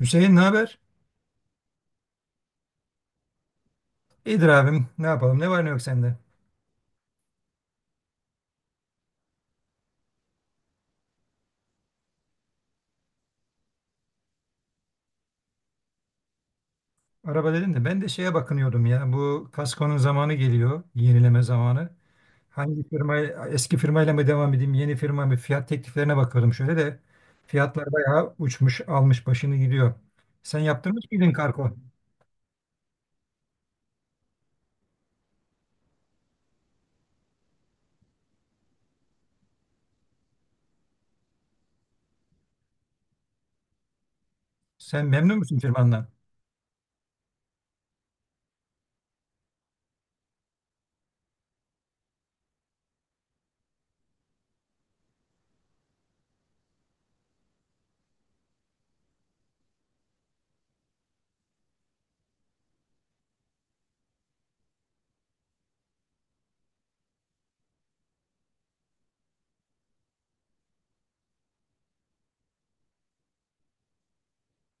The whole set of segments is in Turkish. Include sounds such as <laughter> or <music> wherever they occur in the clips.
Hüseyin ne haber? İyidir abim. Ne yapalım? Ne var ne yok sende? Araba dedin de ben de şeye bakınıyordum ya. Bu kaskonun zamanı geliyor. Yenileme zamanı. Hangi firma eski firmayla mı devam edeyim? Yeni firma mı? Fiyat tekliflerine bakıyordum şöyle de. Fiyatlar bayağı uçmuş, almış başını gidiyor. Sen yaptırmış mıydın kargo? Sen memnun musun firmandan?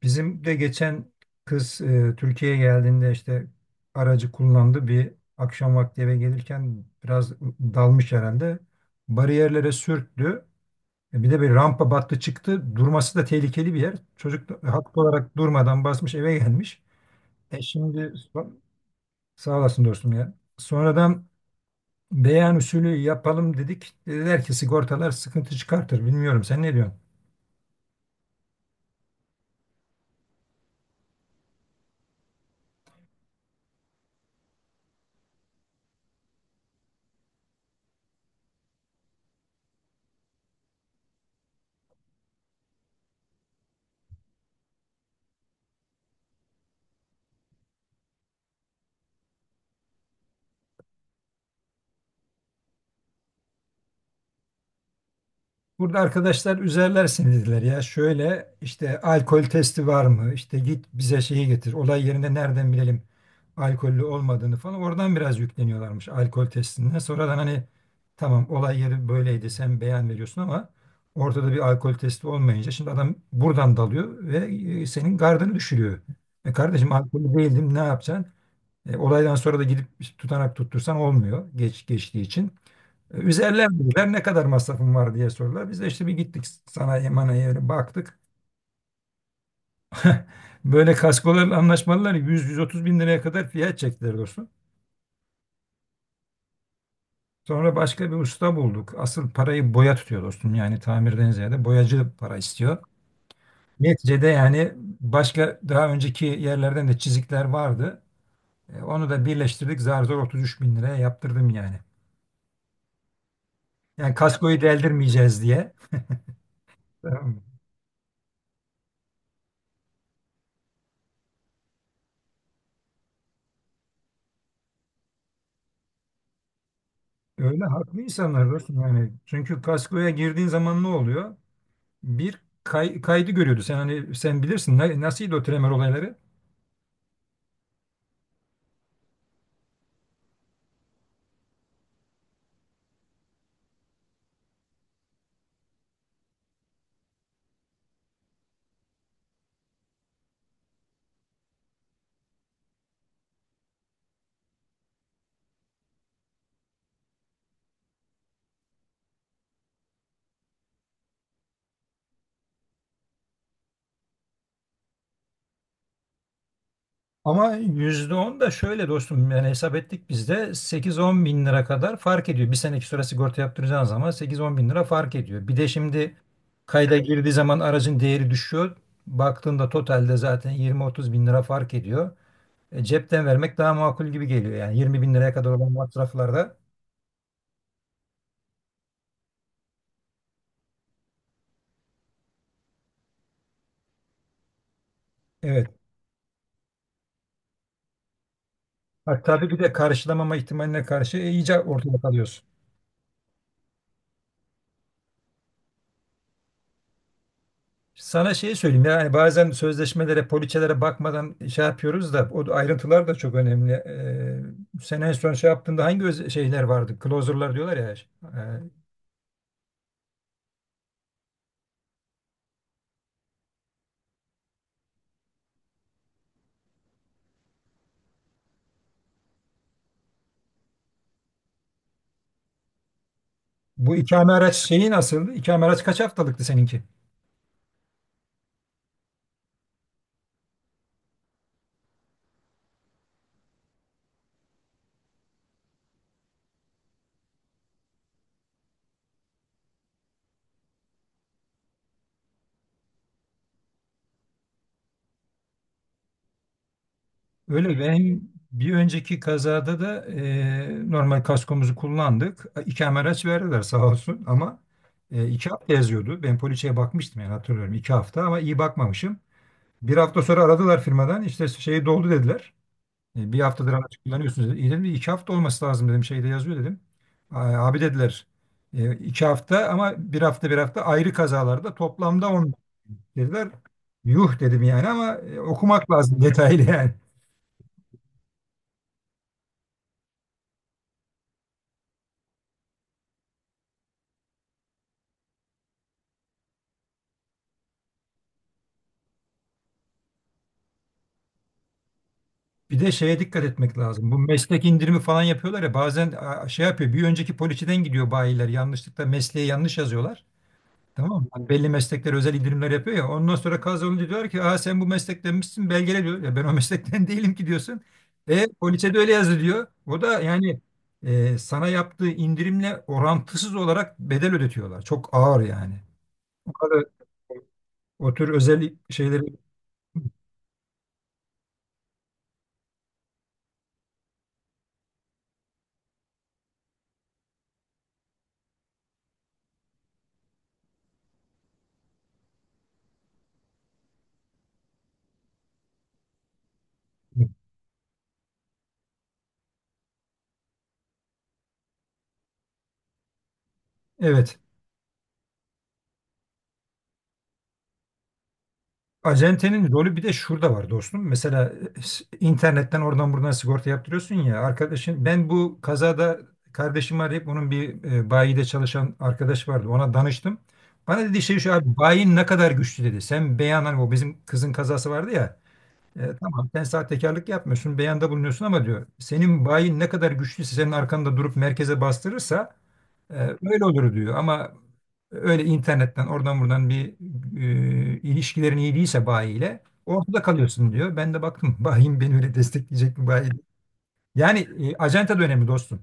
Bizim de geçen kız Türkiye'ye geldiğinde işte aracı kullandı. Bir akşam vakti eve gelirken biraz dalmış herhalde. Bariyerlere sürttü. E, bir de bir rampa battı çıktı. Durması da tehlikeli bir yer. Çocuk da haklı olarak durmadan basmış eve gelmiş. E şimdi son- Sağ olasın dostum ya. Sonradan beyan usulü yapalım dedik. Dediler ki sigortalar sıkıntı çıkartır. Bilmiyorum sen ne diyorsun? Burada arkadaşlar üzerler seni dediler ya şöyle işte alkol testi var mı? İşte git bize şeyi getir. Olay yerinde nereden bilelim alkollü olmadığını falan. Oradan biraz yükleniyorlarmış alkol testinden. Sonradan hani tamam olay yeri böyleydi sen beyan veriyorsun ama ortada bir alkol testi olmayınca şimdi adam buradan dalıyor ve senin gardını düşürüyor. E kardeşim alkollü değildim ne yapacaksın? E, olaydan sonra da gidip işte, tutanak tuttursan olmuyor geç geçtiği için. Üzerlendiler ne kadar masrafın var diye sordular. Biz de işte bir gittik sanayi manaya baktık. Böyle kaskolarla anlaşmalılar 100-130 bin liraya kadar fiyat çektiler dostum. Sonra başka bir usta bulduk. Asıl parayı boya tutuyor dostum. Yani tamirden ziyade boyacı para istiyor. Neticede yani başka daha önceki yerlerden de çizikler vardı. E, onu da birleştirdik. Zar zor 33 bin liraya yaptırdım yani. Yani kaskoyu deldirmeyeceğiz diye. Tamam. Öyle haklı insanlar dostum yani. Çünkü kaskoya girdiğin zaman ne oluyor? Bir kaydı görüyordu. Sen hani sen bilirsin nasılydı o tremer olayları. Ama %10 da şöyle dostum yani hesap ettik biz de 8-10 bin lira kadar fark ediyor. Bir seneki süre sigorta yaptıracağın zaman 8-10 bin lira fark ediyor. Bir de şimdi kayda girdiği zaman aracın değeri düşüyor. Baktığında totalde zaten 20-30 bin lira fark ediyor. E, cepten vermek daha makul gibi geliyor yani 20 bin liraya kadar olan masraflarda. Evet. Hatta bir de karşılamama ihtimaline karşı iyice ortada kalıyorsun. Sana şeyi söyleyeyim yani bazen sözleşmelere, poliçelere bakmadan şey yapıyoruz da o ayrıntılar da çok önemli. Sen en son şey yaptığında hangi şeyler vardı? Closer'lar diyorlar ya. Ee, Bu ikame araç şeyi nasıl? İkame araç kaç haftalıktı seninki? Öyle. Ben bir önceki kazada da normal kaskomuzu kullandık. İkame araç verdiler sağ olsun ama 2 hafta yazıyordu. Ben poliçeye bakmıştım yani hatırlıyorum 2 hafta ama iyi bakmamışım. Bir hafta sonra aradılar firmadan işte şey doldu dediler. E, bir haftadır araç kullanıyorsunuz dedi. İyi dedim 2 hafta olması lazım dedim şeyde yazıyor dedim. "Ay, abi dediler 2 hafta ama bir hafta bir hafta ayrı kazalarda toplamda 10 dediler." Yuh dedim yani ama okumak lazım <laughs> detaylı yani. Bir de şeye dikkat etmek lazım. Bu meslek indirimi falan yapıyorlar ya bazen a, şey yapıyor bir önceki poliçeden gidiyor bayiler yanlışlıkla mesleği yanlış yazıyorlar. Tamam mı? Hani belli meslekler özel indirimler yapıyor ya. Ondan sonra kaz olunca diyor ki aa, sen bu meslektenmişsin belgele diyor. Ya ben o meslekten <laughs> değilim ki diyorsun. E poliçe de öyle yazdı diyor. O da yani sana yaptığı indirimle orantısız olarak bedel ödetiyorlar. Çok ağır yani. O kadar o tür özel şeyleri evet. Acentenin rolü bir de şurada var dostum. Mesela internetten oradan buradan sigorta yaptırıyorsun ya arkadaşın ben bu kazada kardeşimi arayıp onun bir bayide çalışan arkadaş vardı. Ona danıştım. Bana dedi şey şu abi bayin ne kadar güçlü dedi. Sen beyan hani o bizim kızın kazası vardı ya. E, tamam sen sahtekarlık yapmıyorsun beyanda bulunuyorsun ama diyor senin bayin ne kadar güçlüyse senin arkanda durup merkeze bastırırsa öyle olur diyor ama öyle internetten oradan buradan bir ilişkilerin iyi değilse bayiyle ortada kalıyorsun diyor. Ben de baktım <laughs> bayim beni öyle destekleyecek mi bayi? Yani acenta da önemli dostum.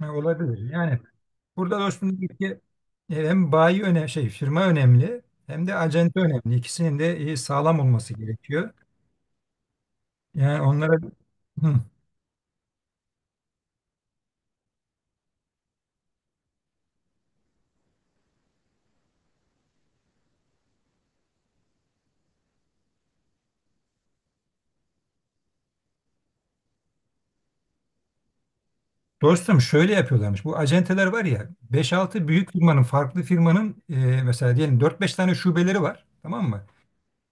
Ha, olabilir. Yani burada dostum diyor ki, hem bayi önemli şey firma önemli hem de acenta önemli. İkisinin de sağlam olması gerekiyor. Yani onlara. Dostum şöyle yapıyorlarmış. Bu acenteler var ya beş-altı büyük firmanın farklı firmanın mesela diyelim dört-beş tane şubeleri var. Tamam mı?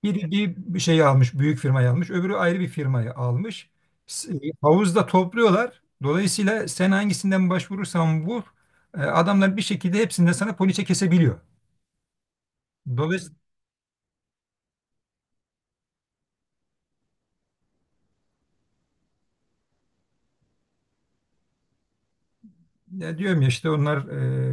Biri bir şeyi almış büyük firmayı almış öbürü ayrı bir firmayı almış. Havuzda topluyorlar. Dolayısıyla sen hangisinden başvurursan vur adamlar bir şekilde hepsinden sana poliçe kesebiliyor. Dolayısıyla diyorum ya işte onlar e,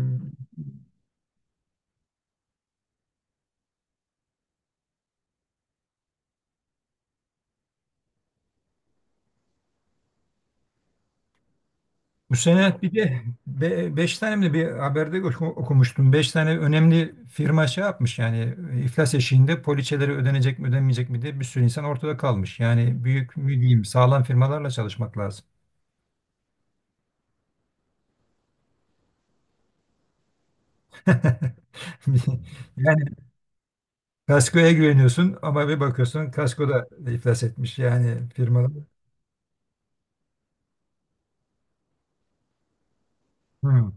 bu sene bir de beş tane mi de bir haberde okumuştum. Beş tane önemli firma şey yapmış yani iflas eşiğinde poliçeleri ödenecek mi ödenmeyecek mi diye bir sürü insan ortada kalmış. Yani büyük mü diyeyim sağlam firmalarla çalışmak lazım. <laughs> Yani kaskoya güveniyorsun ama bir bakıyorsun kasko da iflas etmiş yani firmalar. Hı.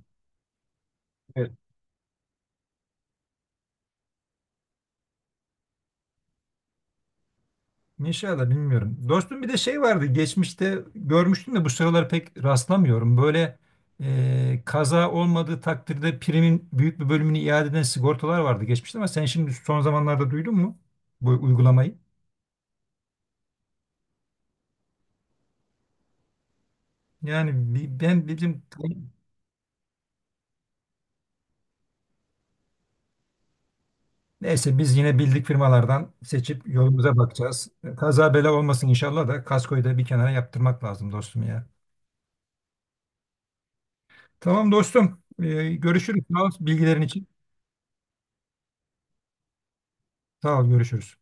İnşallah bilmiyorum. Dostum bir de şey vardı geçmişte görmüştüm de bu sıralar pek rastlamıyorum. Böyle kaza olmadığı takdirde primin büyük bir bölümünü iade eden sigortalar vardı geçmişte ama sen şimdi son zamanlarda duydun mu bu uygulamayı? Yani ben bizim neyse biz yine bildik firmalardan seçip yolumuza bakacağız. Kaza bela olmasın inşallah da kaskoyu da bir kenara yaptırmak lazım dostum ya. Tamam dostum. E, görüşürüz. Sağ ol bilgilerin için. Sağ ol görüşürüz.